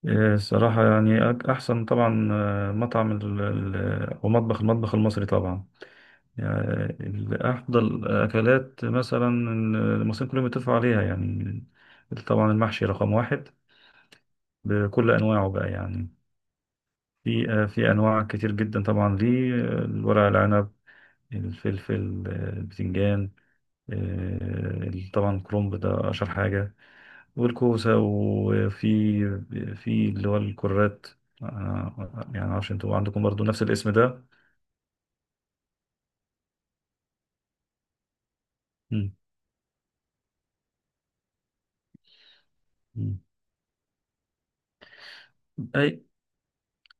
إيه، الصراحة يعني أحسن طبعا مطعم أو المطبخ المصري طبعا يعني أفضل أكلات مثلا المصريين كلهم يتفقوا عليها يعني. طبعا المحشي رقم واحد بكل أنواعه بقى يعني. في أنواع كتير جدا طبعا ليه الورق العنب، الفلفل البتنجان. طبعا الكرنب ده أشهر حاجة والكوسة. وفي اللي هو الكرات. يعني معرفش انتوا عندكم برضو نفس الاسم ده. مم. مم. اي،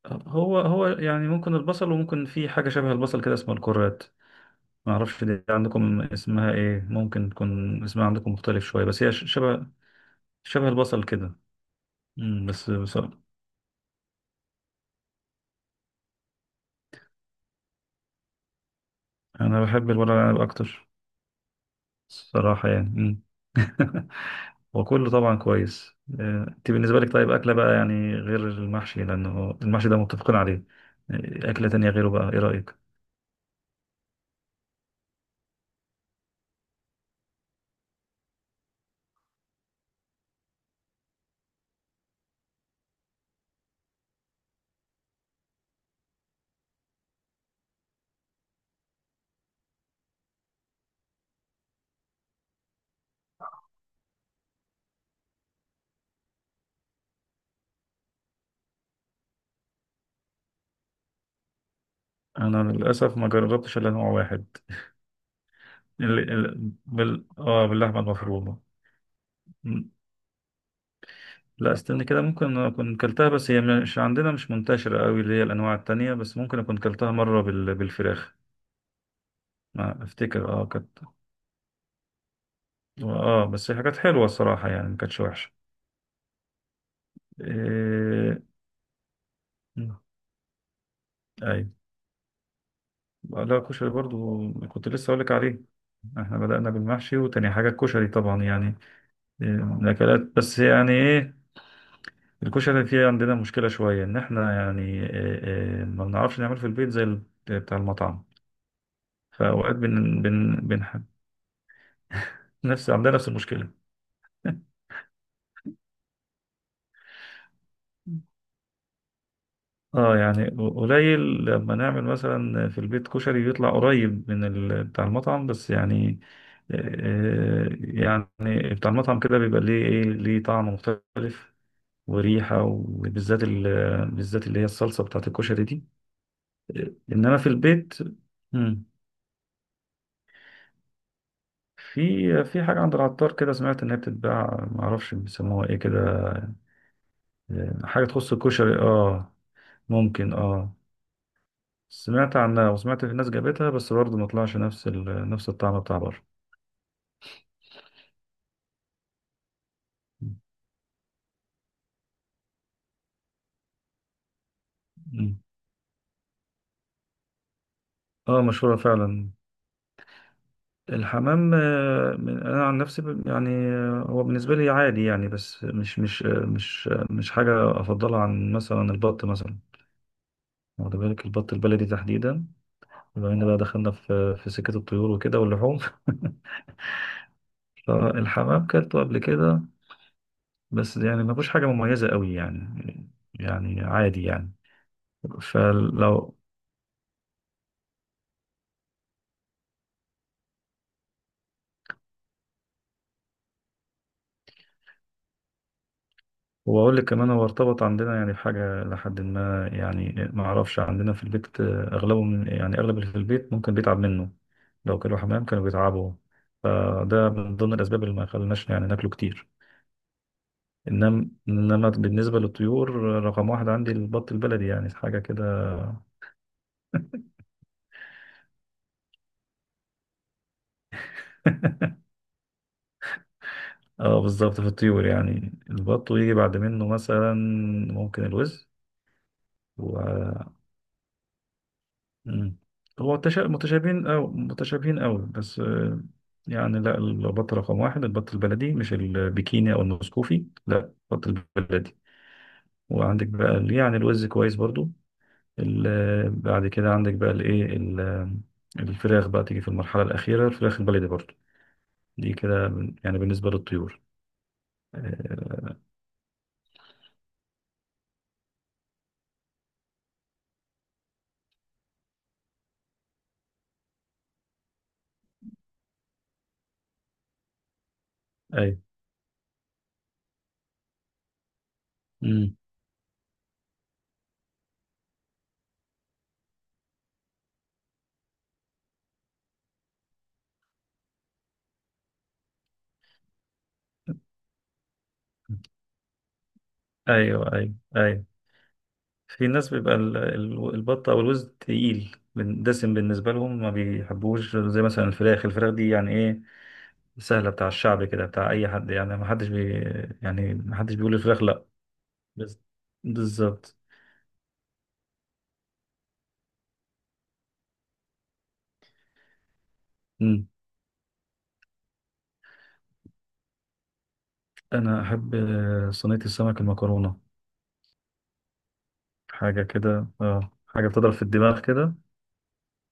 هو يعني ممكن البصل وممكن في حاجة شبه البصل كده اسمها الكرات. معرفش دي عندكم اسمها ايه، ممكن تكون اسمها عندكم مختلف شوية، بس هي شبه البصل كده. بس بصراحة انا بحب الورق العنب اكتر صراحة يعني. مم. وكله طبعا كويس، انت بالنسبة لك طيب أكلة بقى يعني غير المحشي لأنه المحشي ده متفقين عليه، أكلة تانية غيره بقى إيه رأيك؟ أنا للأسف ما جربتش إلا نوع واحد، ال... ال... بال... آه باللحمة المفرومة. م- لا استنى كده، ممكن أكون كلتها، بس هي مش عندنا مش منتشرة قوي اللي هي الأنواع التانية، بس ممكن أكون كلتها مرة بالفراخ. ما أفتكر كانت، بس هي كانت حلوة الصراحة يعني ما كانتش وحشة. إيه... أيوة. لا كشري برضو كنت لسه أقولك عليه. احنا بدأنا بالمحشي وتاني حاجة الكشري طبعا يعني، إيه، من الأكلات، بس يعني ايه الكشري فيه عندنا مشكلة شوية إن احنا، يعني إيه إيه ما بنعرفش نعمله في البيت زي بتاع المطعم. فأوقات بن بن بنحب. نفس عندنا نفس المشكلة. اه يعني قليل لما نعمل مثلا في البيت كشري بيطلع قريب من بتاع المطعم، بس يعني، يعني بتاع المطعم كده بيبقى ليه ايه ليه طعم مختلف وريحة، وبالذات ال... بالذات اللي هي الصلصة بتاعت الكشري دي، انما في البيت. مم، في حاجة عند العطار كده سمعت انها بتتباع، معرفش بيسموها ايه كده، حاجة تخص الكشري اه. ممكن اه. سمعت عنها وسمعت في ناس جابتها بس برضه ما طلعش نفس الطعم بتاع بره. مم. اه مشهورة فعلا. الحمام انا عن نفسي يعني هو بالنسبة لي عادي يعني بس مش حاجة افضلها عن مثلا البط مثلا، واخد بالك البط البلدي تحديدا، بما ان بقى دخلنا في سكة الطيور وكده واللحوم. فالحمام كلته قبل كده بس يعني ما فيهوش حاجة مميزة قوي يعني عادي يعني. فلو وأقول لك كمان هو ارتبط عندنا يعني بحاجة لحد ما يعني ما أعرفش عندنا في البيت، أغلبه من يعني أغلب اللي في البيت ممكن بيتعب منه. لو كانوا حمام كانوا بيتعبوا، فده من ضمن الأسباب اللي ما خلناش يعني ناكله كتير. إنما بالنسبة للطيور، رقم واحد عندي البط البلدي يعني حاجة كده. اه بالظبط في الطيور يعني البط، ويجي بعد منه مثلا ممكن الوز. مم. هو متشابهين أو متشابهين أوي بس، يعني لا البط رقم واحد البط البلدي مش البكيني أو المسكوفي لا البط البلدي. وعندك بقى يعني الوز كويس برضو. بعد كده عندك بقى الفراخ بقى تيجي في المرحلة الأخيرة، الفراخ البلدي برضو. دي كده يعني بالنسبة للطيور. آه، أيوة. مم. أيوة أيوة أيوة. في ناس بيبقى البط او الوز تقيل دسم بالنسبه لهم ما بيحبوش زي مثلا الفراخ، الفراخ دي يعني ايه سهله بتاع الشعب كده بتاع اي حد يعني ما حدش بي يعني ما حدش بيقول الفراخ لا. بس بالظبط. مم. انا احب صينيه السمك المكرونه، حاجه كده حاجه بتضرب في الدماغ كده.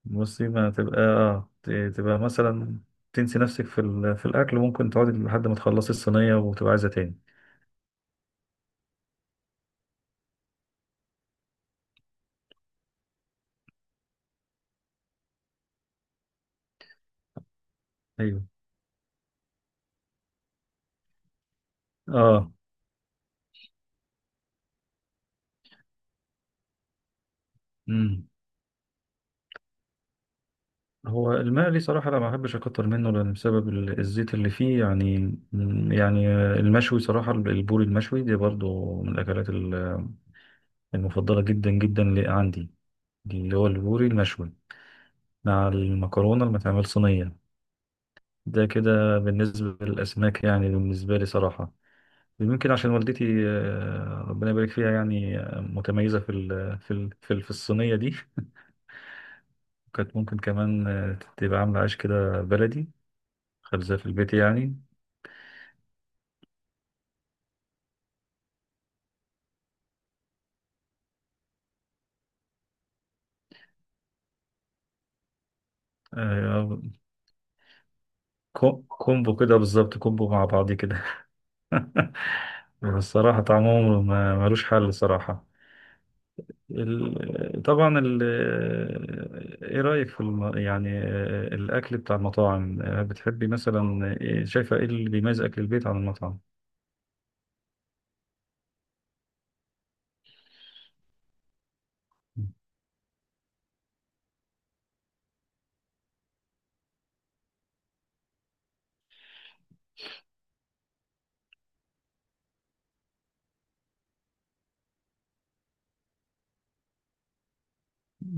بصي ما تبقى تبقى مثلا تنسي نفسك في الاكل وممكن تقعدي لحد ما تخلصي الصينيه وتبقى عايزه تاني. ايوه اه. مم. هو المقلي صراحة أنا ما بحبش أكتر منه لأن بسبب الزيت اللي فيه يعني المشوي صراحة البوري المشوي دي برضو من الأكلات المفضلة جدا جدا اللي عندي، اللي هو البوري المشوي مع المكرونة اللي متعمل صينية. ده كده بالنسبة للأسماك يعني، بالنسبة لي صراحة يمكن عشان والدتي، ربنا يبارك فيها يعني، متميزة في الصينية دي. كانت ممكن كمان، تبقى عاملة عيش كده بلدي، خبزة في البيت يعني. أيوة. كومبو كده بالظبط كومبو مع بعض كده. الصراحة طعمهم ملوش حل صراحة. طبعا ايه رأيك في يعني الأكل بتاع المطاعم، بتحبي مثلا شايفة ايه اللي بيميز أكل البيت عن المطعم؟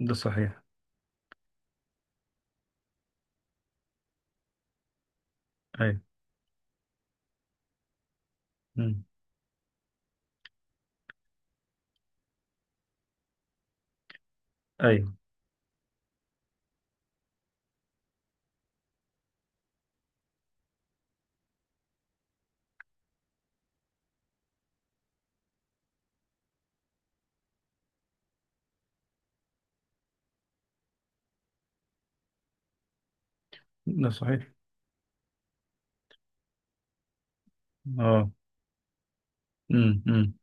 ده صحيح. أيوة. أمم. أيوة. ده صحيح اه. أمم، أمم.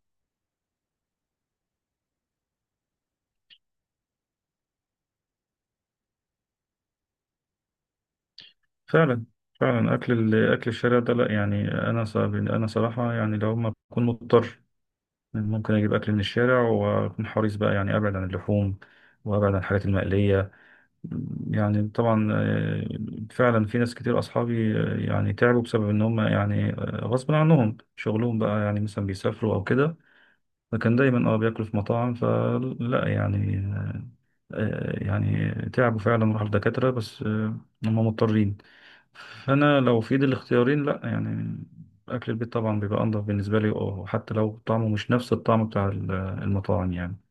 فعلا. فعلا أكل الشارع ده لا يعني أنا أنا صراحة يعني، لو ما أكون مضطر ممكن اجيب اكل من الشارع واكون حريص بقى يعني ابعد عن اللحوم وابعد عن الحاجات المقليه. يعني طبعا، فعلا في ناس كتير اصحابي، يعني تعبوا بسبب ان هم يعني، غصب عنهم شغلهم بقى يعني مثلا بيسافروا او كده، فكان دايما بياكلوا في مطاعم فلا يعني، يعني تعبوا فعلا راحوا لدكاتره بس، هم مضطرين. انا لو في ايدي الاختيارين لا يعني اكل البيت طبعا بيبقى انضف بالنسبه لي اه، وحتى لو طعمه مش نفس الطعم بتاع المطاعم يعني